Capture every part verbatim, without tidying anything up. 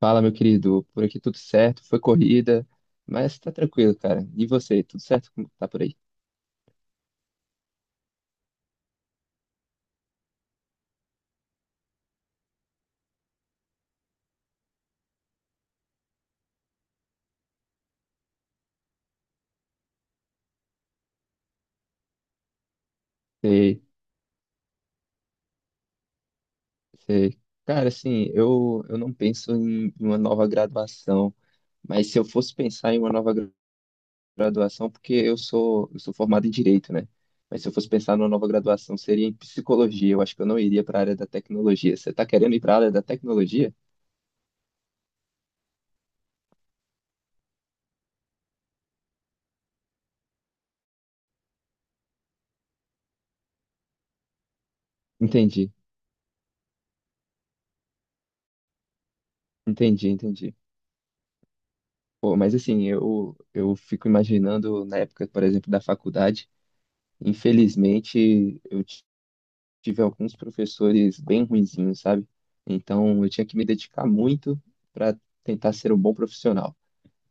Fala, meu querido. Por aqui tudo certo, foi corrida, mas tá tranquilo, cara. E você, tudo certo? Como tá por aí? Sei, sei. Cara, assim, eu, eu não penso em, em uma nova graduação, mas se eu fosse pensar em uma nova gra- graduação, porque eu sou, eu sou formado em Direito, né? Mas se eu fosse pensar numa nova graduação, seria em Psicologia. Eu acho que eu não iria para a área da tecnologia. Você tá querendo ir para a área da tecnologia? Entendi, entendi, entendi. Pô, mas assim, eu, eu fico imaginando na época, por exemplo, da faculdade. Infelizmente, eu ti- tive alguns professores bem ruinzinhos, sabe? Então, eu tinha que me dedicar muito para tentar ser um bom profissional,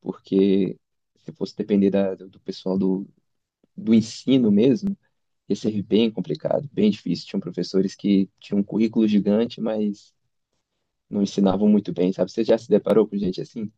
porque se fosse depender da- do pessoal do, do ensino mesmo, ia ser bem complicado, bem difícil. Tinham professores que tinham um currículo gigante, mas não ensinavam muito bem, sabe? Você já se deparou com gente assim?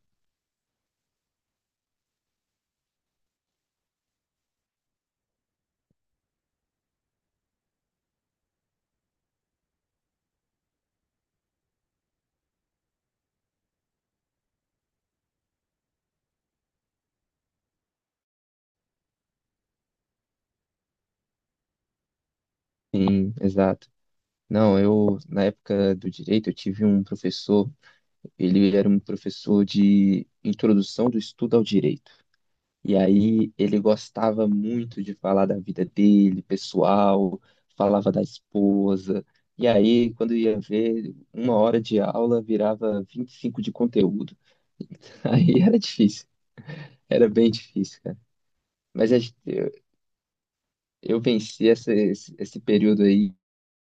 Sim, exato. Não, eu, na época do direito, eu tive um professor. Ele era um professor de introdução do estudo ao direito. E aí ele gostava muito de falar da vida dele, pessoal, falava da esposa. E aí, quando ia ver, uma hora de aula virava vinte e cinco de conteúdo. Aí era difícil, era bem difícil, cara. Mas a gente- eu, eu venci essa- esse, esse período aí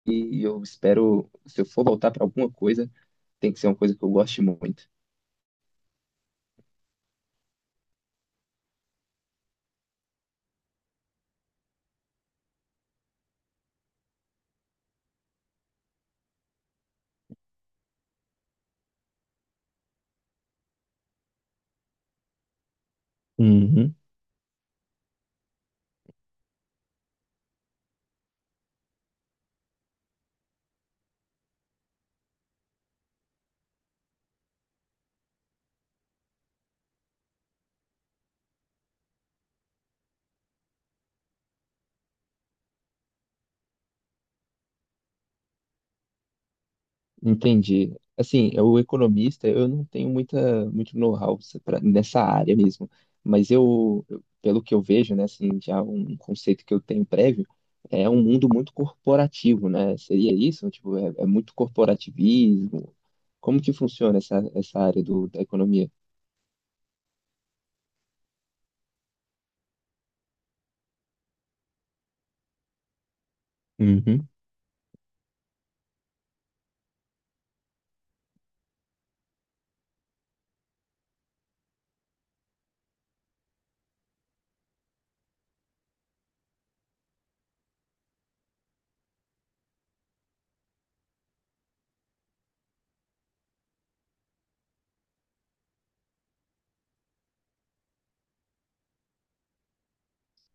e eu espero, se eu for voltar para alguma coisa, tem que ser uma coisa que eu goste muito. Uhum. Entendi. Assim, eu, o economista, eu não tenho muita, muito know-how pra- nessa área mesmo, mas eu, eu- pelo que eu vejo, né, assim, já um conceito que eu tenho prévio, é um mundo muito corporativo, né? Seria isso? Tipo, é, é muito corporativismo. Como que funciona essa, essa área do, da economia? Uhum,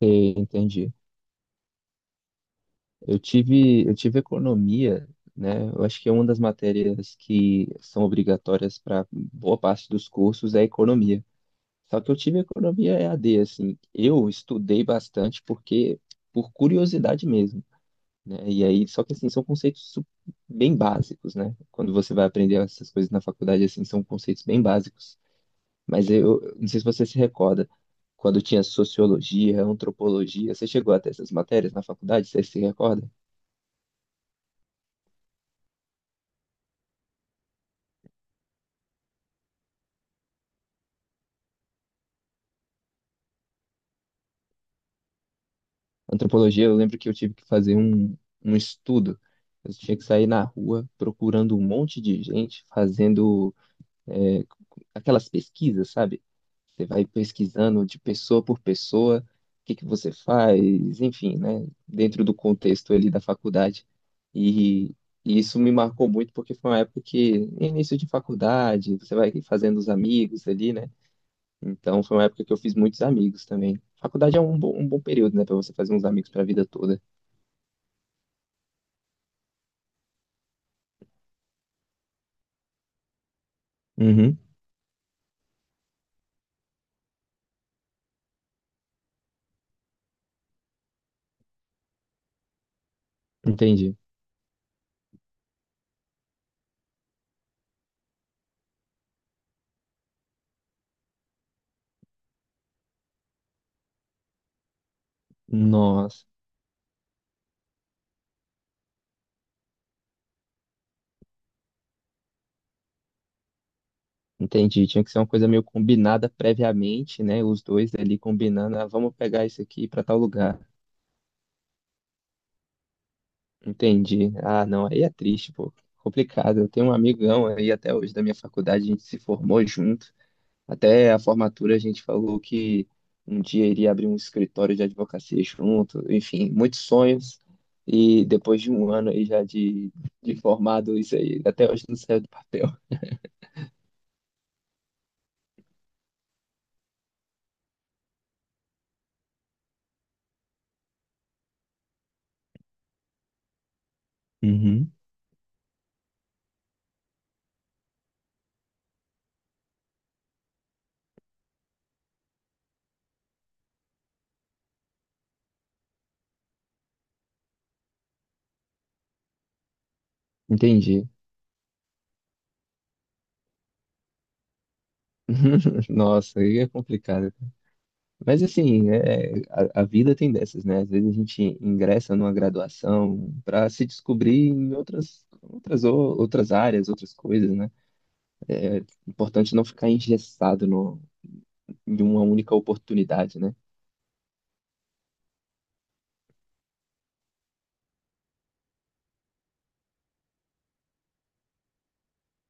sei, entendi. Eu tive, eu tive economia, né? Eu acho que é uma das matérias que são obrigatórias para boa parte dos cursos é economia. Só que eu tive economia e a E A D, assim. Eu estudei bastante porque, por curiosidade mesmo, né? E aí, só que assim, são conceitos su- bem básicos, né? Quando você vai aprender essas coisas na faculdade, assim, são conceitos bem básicos. Mas eu eu não sei se você se recorda, quando tinha sociologia, antropologia, você chegou até essas matérias na faculdade, você se recorda? Antropologia, eu lembro que eu tive que fazer um, um estudo. Eu tinha que sair na rua procurando um monte de gente fazendo é, aquelas pesquisas, sabe? Você vai pesquisando de pessoa por pessoa, o que que você faz, enfim, né? Dentro do contexto ali da faculdade. E, e isso me marcou muito porque foi uma época que, início de faculdade, você vai fazendo os amigos ali, né? Então foi uma época que eu fiz muitos amigos também. Faculdade é um bom, um bom período, né? Pra você fazer uns amigos pra vida toda. Uhum, entendi. Nossa. Entendi. Tinha que ser uma coisa meio combinada previamente, né? Os dois ali combinando, ah, vamos pegar isso aqui para tal lugar. Entendi. Ah, não, aí é triste, pô. Complicado. Eu tenho um amigão aí até hoje da minha faculdade, a gente se formou junto. Até a formatura a gente falou que um dia iria abrir um escritório de advocacia junto. Enfim, muitos sonhos. E depois de um ano aí já de, de formado, isso aí até hoje não saiu do papel. Uhum. Entendi. Nossa, aí é complicado. Mas assim, é, a, a vida tem dessas, né? Às vezes a gente ingressa numa graduação para se descobrir em outras, outras, o- outras áreas, outras coisas, né? Importante não ficar engessado no, em uma única oportunidade, né?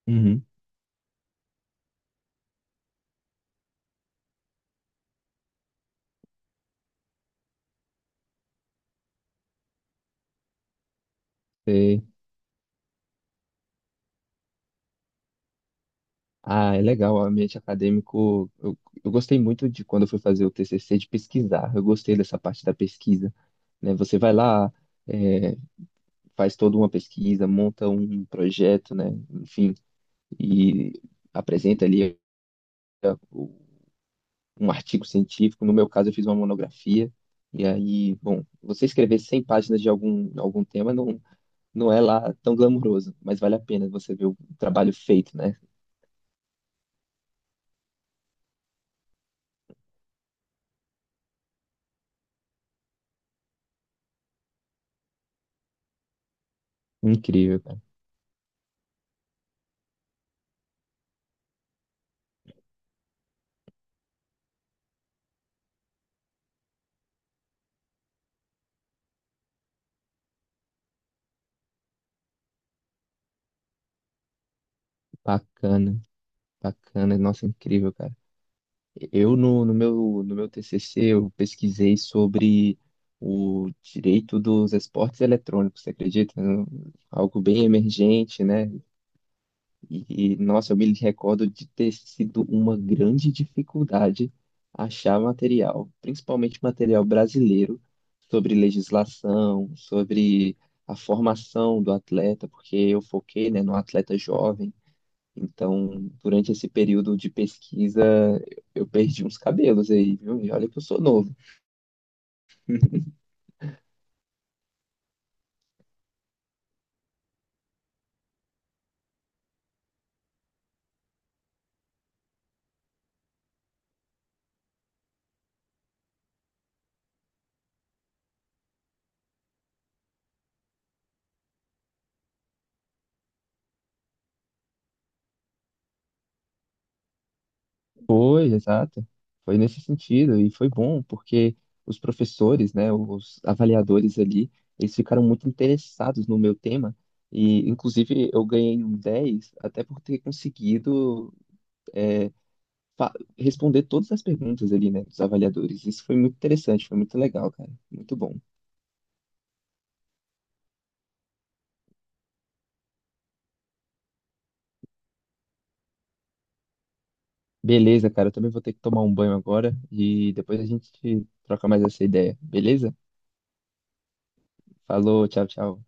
Uhum. Sei. Ah, é legal, o ambiente acadêmico. Eu, eu gostei muito de quando eu fui fazer o T C C de pesquisar. Eu gostei dessa parte da pesquisa, né? Você vai lá, é, faz toda uma pesquisa, monta um projeto, né? Enfim, e apresenta ali um artigo científico, no meu caso eu fiz uma monografia, e aí, bom, você escrever cem páginas de algum, algum tema não, não é lá tão glamouroso, mas vale a pena você ver o trabalho feito, né? Incrível, cara. Bacana, bacana, nossa, incrível, cara. Eu no, no meu, no meu T C C eu pesquisei sobre o direito dos esportes eletrônicos, você acredita? Algo bem emergente, né? E, e, nossa, eu me recordo de ter sido uma grande dificuldade achar material, principalmente material brasileiro, sobre legislação, sobre a formação do atleta, porque eu foquei, né, no atleta jovem. Então, durante esse período de pesquisa, eu perdi uns cabelos aí, viu? E olha que eu sou novo. Foi, exato. Foi nesse sentido e foi bom porque os professores, né, os avaliadores ali, eles ficaram muito interessados no meu tema e, inclusive, eu ganhei um dez até por ter conseguido é, fa- responder todas as perguntas ali, né, dos avaliadores. Isso foi muito interessante, foi muito legal, cara. Muito bom. Beleza, cara, eu também vou ter que tomar um banho agora e depois a gente troca mais essa ideia, beleza? Falou, tchau, tchau.